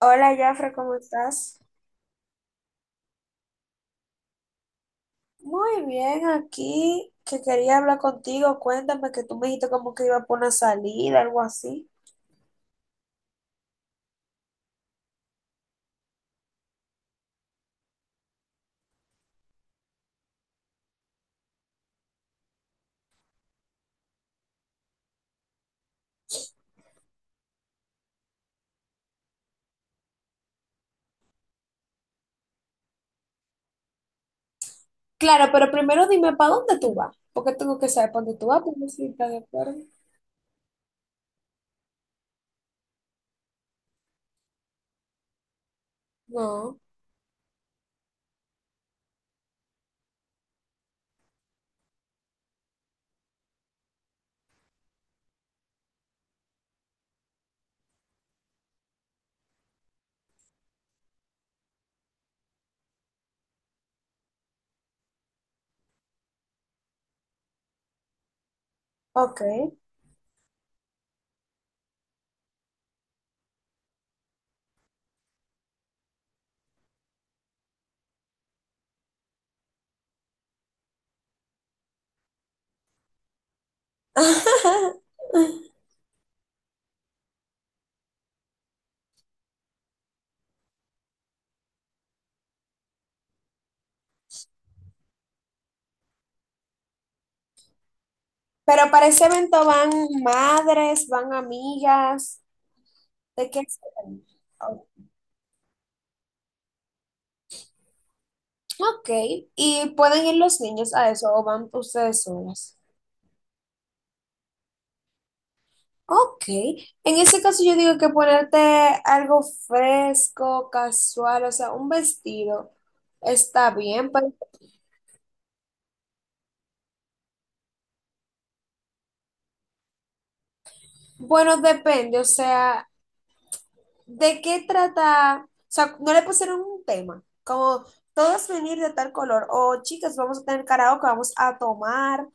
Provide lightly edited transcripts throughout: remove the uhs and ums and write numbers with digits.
Hola, Jafre, ¿cómo estás? Muy bien, aquí que quería hablar contigo. Cuéntame que tú me dijiste como que iba por una salida, algo así. Claro, pero primero dime para dónde tú vas, porque tengo que saber para dónde tú vas, porque si estás de acuerdo. No. Ok. Pero para ese evento van madres, van amigas, ¿de qué se van? Oh, ok, y pueden ir los niños a eso o van ustedes solas. Ok, en ese caso yo digo que ponerte algo fresco, casual, o sea, un vestido está bien, pero bueno, depende, o sea, de qué trata, o sea, no le pusieron un tema, como todos venir de tal color, o chicas, vamos a tener karaoke, vamos a tomar,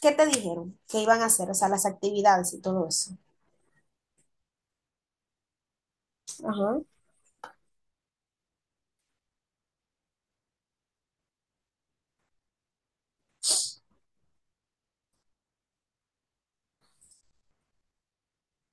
¿qué te dijeron que iban a hacer? O sea, las actividades y todo eso. Ajá.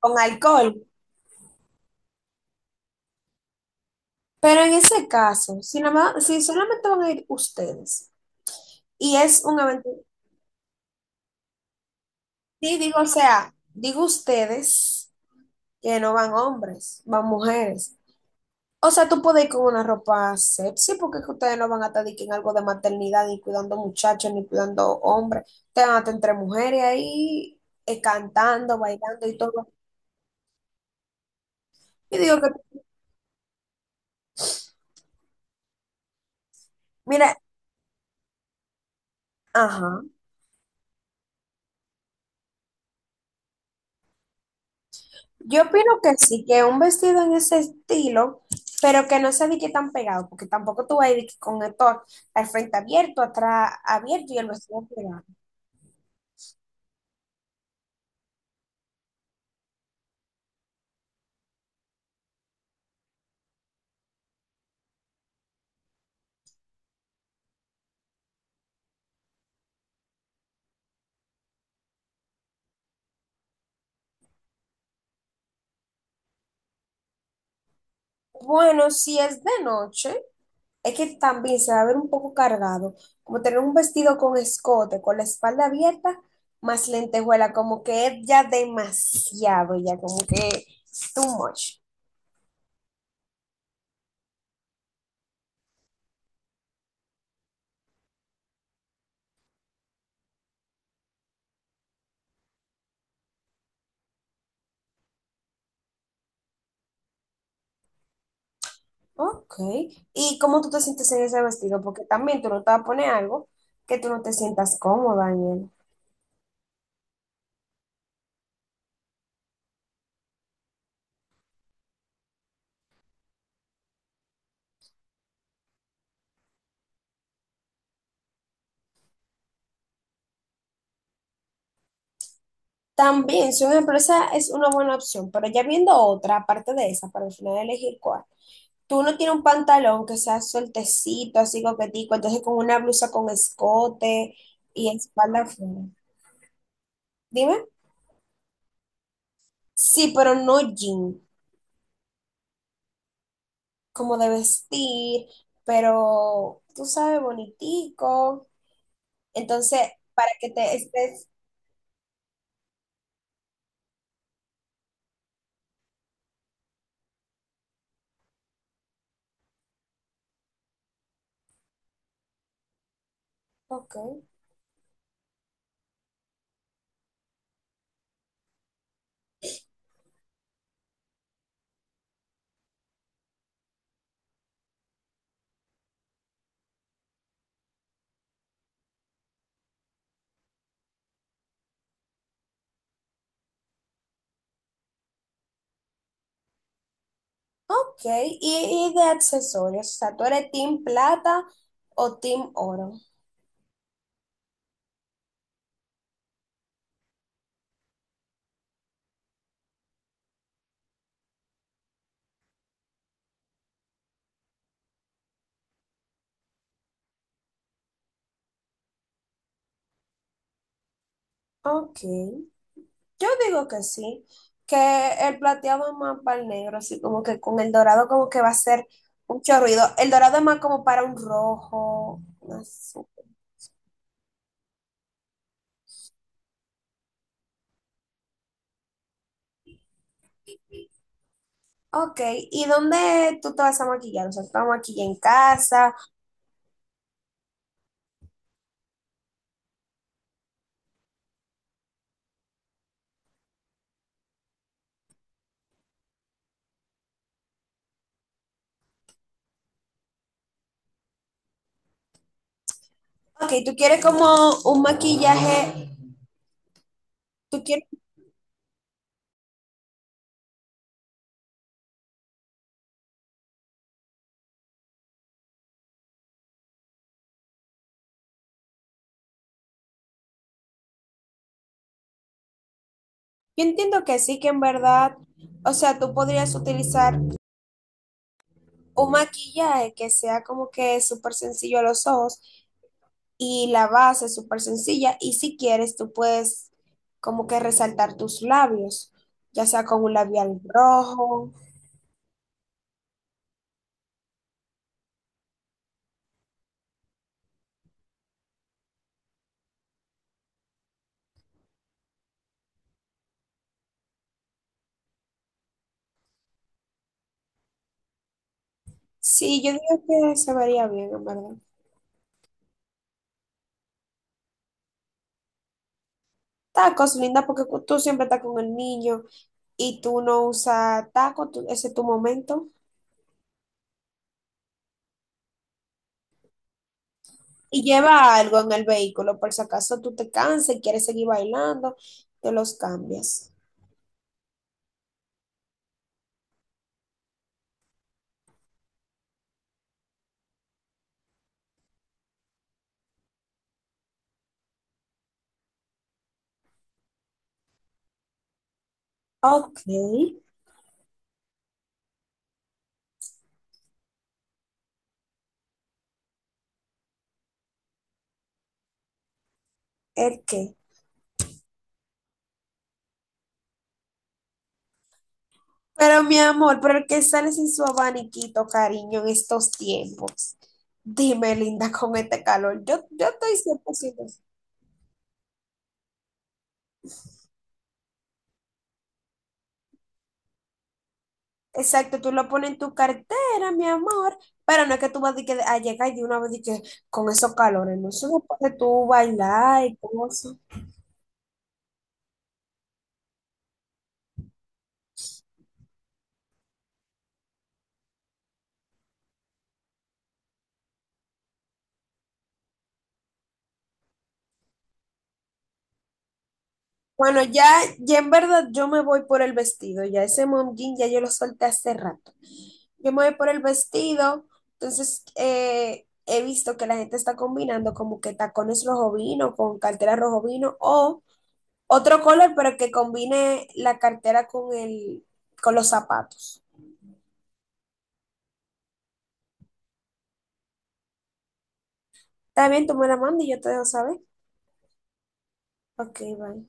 Con alcohol. Pero en ese caso, si, nada más, si solamente van a ir ustedes y es un evento. Sí, digo, o sea, digo ustedes que no van hombres, van mujeres. O sea, tú puedes ir con una ropa sexy porque es que ustedes no van a estar de que en algo de maternidad, ni cuidando muchachos, ni cuidando hombres. Te van a estar entre mujeres ahí, cantando, bailando y todo. Y digo que, mira, ajá. Yo opino que sí, que un vestido en ese estilo, pero que no se qué tan pegado, porque tampoco tú vas a ir de que con esto a- al frente abierto, atrás abierto y el vestido pegado. Bueno, si es de noche, es que también se va a ver un poco cargado, como tener un vestido con escote, con la espalda abierta, más lentejuela, como que es ya demasiado, ya como que too much. Ok. ¿Y cómo tú te sientes en ese vestido? Porque también tú no te vas a poner algo que tú no te sientas cómoda en él. También, si una empresa es una buena opción, pero ya viendo otra, aparte de esa, para al final elegir cuál. Tú no tienes un pantalón que sea sueltecito, así coquetico, entonces con una blusa con escote y espalda afuera. Dime. Sí, pero no jean, como de vestir, pero tú sabes, bonitico. Entonces, para que te estés... Ok. Ok, y de accesorios, o sea, ¿tú eres team plata o team oro? Ok, yo digo que sí, que el plateado es más para el negro, así como que con el dorado como que va a ser mucho ruido. El dorado es más como para un rojo, un azul. Ok, ¿y dónde tú te vas a maquillar? O sea, ¿tú te vas a maquillar en casa? Ok, ¿tú quieres como un maquillaje? ¿Tú quieres? Yo entiendo que sí, que en verdad, o sea, tú podrías utilizar un maquillaje que sea como que súper sencillo a los ojos y la base súper sencilla y si quieres tú puedes como que resaltar tus labios, ya sea con un labial rojo. Sí, yo digo que se vería bien, en verdad. Tacos, linda, porque cu- tú siempre estás con el niño y tú no usas tacos, tú- ese es tu momento. Y lleva algo en el vehículo, por si acaso tú te cansas y quieres seguir bailando, te los cambias. Ok, ¿el qué? Pero mi amor, ¿pero el que sale sin su abaniquito, cariño, en estos tiempos? Dime, linda, con este calor. Yo estoy 100%. Exacto, tú lo pones en tu cartera, mi amor, pero no es que tú vas de que a llegar de una vez de que con esos calores, no eso no puede tú bailar y cosas. Bueno, ya, ya en verdad yo me voy por el vestido, ya ese mom jean ya yo lo solté hace rato. Yo me voy por el vestido, entonces he visto que la gente está combinando como que tacones rojo vino con cartera rojo vino o otro color, pero que combine la cartera con el, con los zapatos. Está bien, tú me la mandas y yo te dejo saber. Ok, bye.